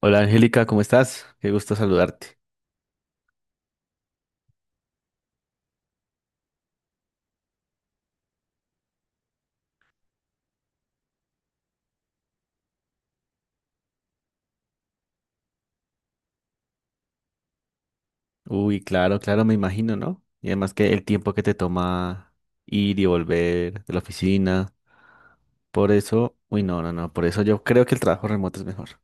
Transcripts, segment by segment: Hola Angélica, ¿cómo estás? Qué gusto saludarte. Uy, claro, claro, me imagino, ¿no? Y además que el tiempo que te toma ir y volver de la oficina, por eso, uy, no, no, no, por eso yo creo que el trabajo remoto es mejor.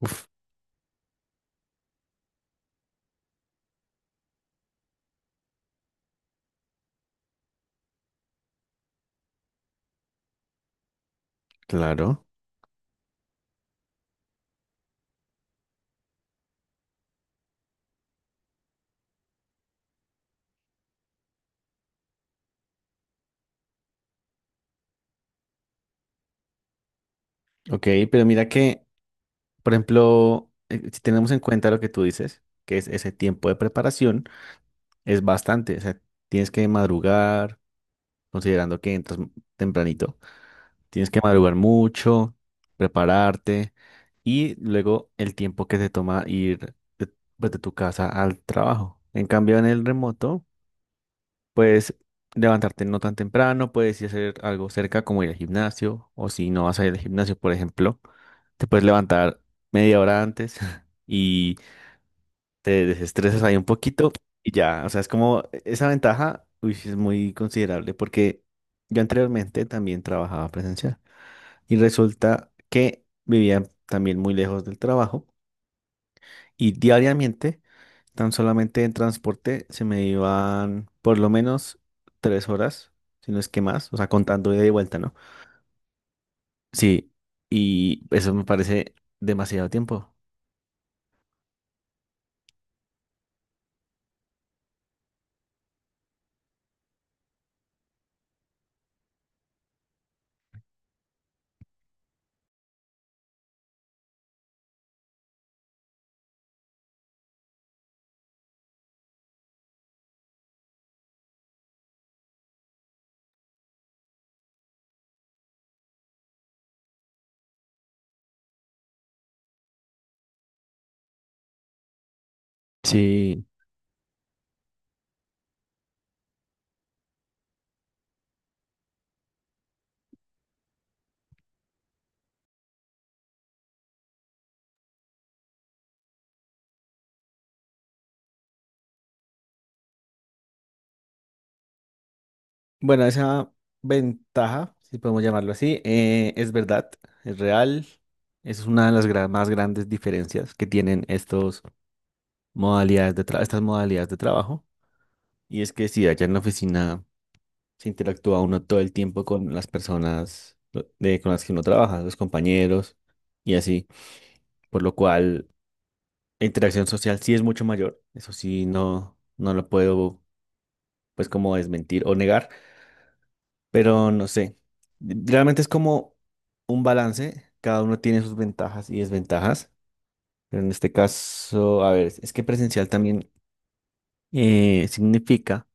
Uf, claro. Ok, pero mira que, por ejemplo, si tenemos en cuenta lo que tú dices, que es ese tiempo de preparación, es bastante, o sea, tienes que madrugar, considerando que entras tempranito. Tienes que madrugar mucho, prepararte y luego el tiempo que te toma ir de, pues, de tu casa al trabajo. En cambio, en el remoto, puedes levantarte no tan temprano, puedes ir a hacer algo cerca como ir al gimnasio o si no vas a ir al gimnasio, por ejemplo, te puedes levantar media hora antes y te desestresas ahí un poquito y ya, o sea, es como esa ventaja, uy, sí es muy considerable porque yo anteriormente también trabajaba presencial. Y resulta que vivía también muy lejos del trabajo y diariamente, tan solamente en transporte, se me iban por lo menos tres horas, si no es que más, o sea, contando ida y vuelta, ¿no? Sí, y eso me parece demasiado tiempo. Sí. Bueno, esa ventaja, si podemos llamarlo así, es verdad, es real. Es una de las más grandes diferencias que tienen estos. Modalidades de estas modalidades de trabajo. Y es que si allá en la oficina se interactúa uno todo el tiempo con las personas con las que uno trabaja, los compañeros y así, por lo cual la interacción social sí es mucho mayor. Eso sí, no lo puedo pues como desmentir o negar, pero no sé. Realmente es como un balance, cada uno tiene sus ventajas y desventajas, pero en este caso, a ver, es que presencial también significa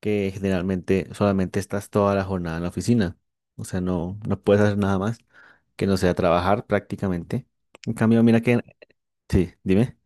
que generalmente solamente estás toda la jornada en la oficina. O sea, no puedes hacer nada más que no sea trabajar prácticamente. En cambio, mira que... Sí, dime.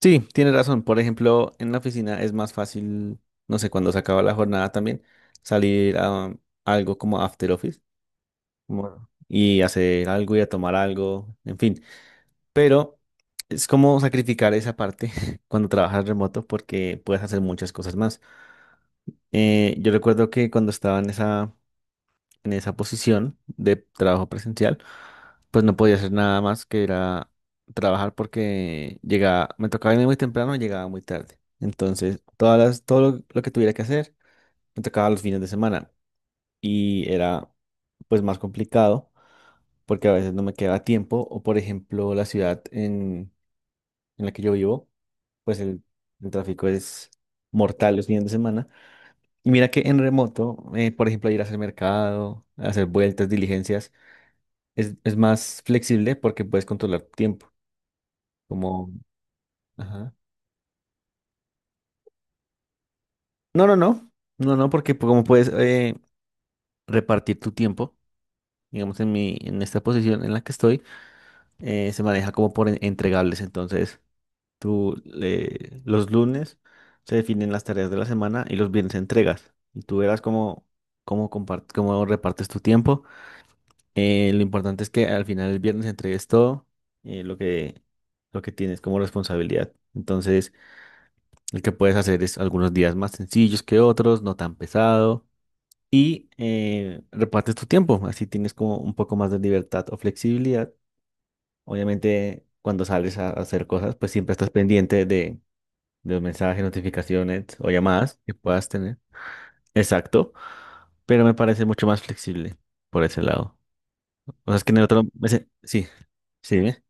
Sí, tienes razón. Por ejemplo, en la oficina es más fácil, no sé, cuando se acaba la jornada también, salir a algo como after office y hacer algo y a tomar algo, en fin. Pero es como sacrificar esa parte cuando trabajas remoto porque puedes hacer muchas cosas más. Yo recuerdo que cuando estaba en esa posición de trabajo presencial, pues no podía hacer nada más que era trabajar porque llegaba, me tocaba irme muy temprano y llegaba muy tarde. Entonces, todo lo que tuviera que hacer me tocaba los fines de semana y era pues más complicado porque a veces no me quedaba tiempo o por ejemplo la ciudad en la que yo vivo, pues el tráfico es mortal los fines de semana. Y mira que en remoto, por ejemplo, ir a hacer mercado, hacer vueltas, diligencias, es más flexible porque puedes controlar tiempo. Como, ajá. No, no, no. No, no, porque como puedes repartir tu tiempo, digamos, en esta posición en la que estoy, se maneja como por entregables. Entonces, los lunes se definen las tareas de la semana y los viernes entregas. Y tú verás cómo, cómo, cómo repartes tu tiempo. Lo importante es que al final el viernes entregues todo eh, lo que, lo que tienes como responsabilidad. Entonces, lo que puedes hacer es algunos días más sencillos que otros, no tan pesado, y repartes tu tiempo. Así tienes como un poco más de libertad o flexibilidad. Obviamente, cuando sales a hacer cosas, pues siempre estás pendiente de los mensajes, notificaciones o llamadas que puedas tener. Exacto, pero me parece mucho más flexible por ese lado. O sea, es que en el otro... Sí, sí, ¿eh?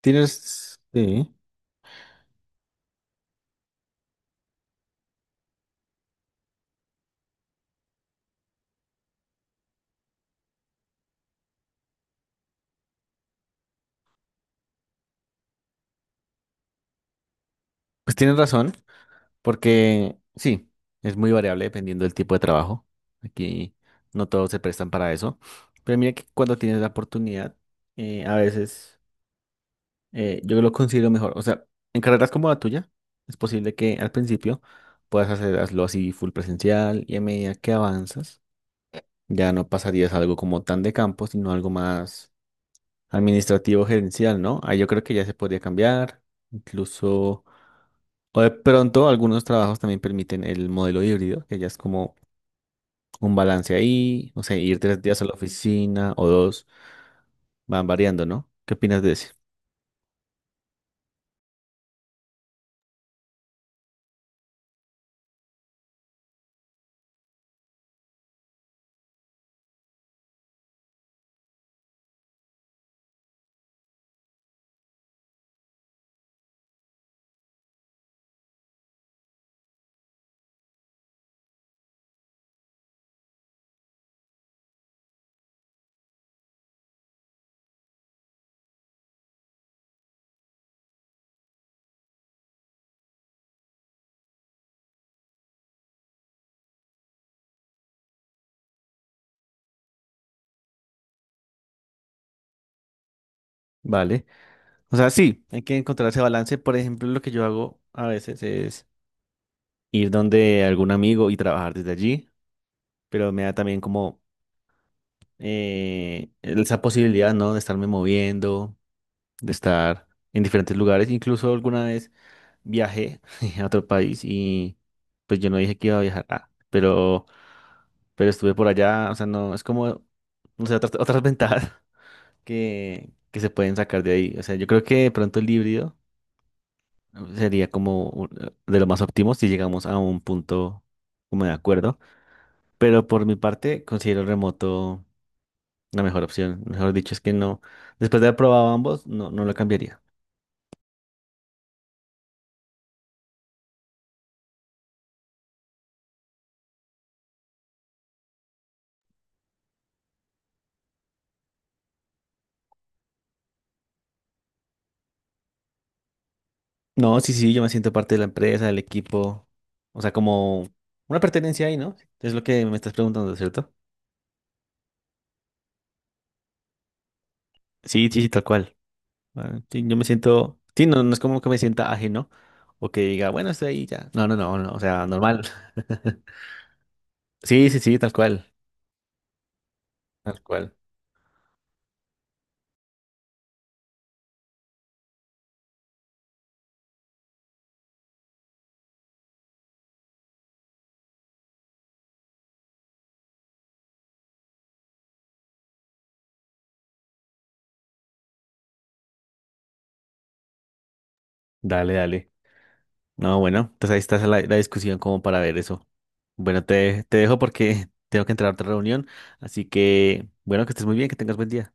Tienes... Sí. Pues tienes razón. Porque sí, es muy variable dependiendo del tipo de trabajo. Aquí no todos se prestan para eso. Pero mira que cuando tienes la oportunidad, a veces yo lo considero mejor. O sea, en carreras como la tuya, es posible que al principio hazlo así full presencial y a medida que avanzas, ya no pasarías algo como tan de campo, sino algo más administrativo, gerencial, ¿no? Ahí yo creo que ya se podría cambiar, incluso. O de pronto algunos trabajos también permiten el modelo híbrido, que ya es como un balance ahí, o sea, ir tres días a la oficina o dos, van variando, ¿no? ¿Qué opinas de ese? Vale. O sea, sí, hay que encontrar ese balance. Por ejemplo, lo que yo hago a veces es ir donde algún amigo y trabajar desde allí, pero me da también como esa posibilidad, ¿no? De estarme moviendo, de estar en diferentes lugares. Incluso alguna vez viajé a otro país y pues yo no dije que iba a viajar, ah, pero estuve por allá, o sea, no, es como, no sé, otras ventajas que se pueden sacar de ahí. O sea, yo creo que de pronto el híbrido sería como de lo más óptimo si llegamos a un punto como de acuerdo, pero por mi parte considero el remoto la mejor opción. Mejor dicho, es que no, después de haber probado ambos, no lo cambiaría. No, sí, sí, yo me siento parte de la empresa, del equipo, o sea, como una pertenencia ahí, ¿no? Es lo que me estás preguntando, ¿cierto? Sí, sí, sí, tal cual. Ah, sí, yo me siento, sí, no, no es como que me sienta ajeno o que diga, bueno, estoy ahí ya. No, no, no, no, o sea, normal. Sí, sí, sí, tal cual, tal cual. Dale, dale. No, bueno, entonces ahí está la discusión como para ver eso. Bueno, te dejo porque tengo que entrar a otra reunión, así que, bueno, que estés muy bien, que tengas buen día.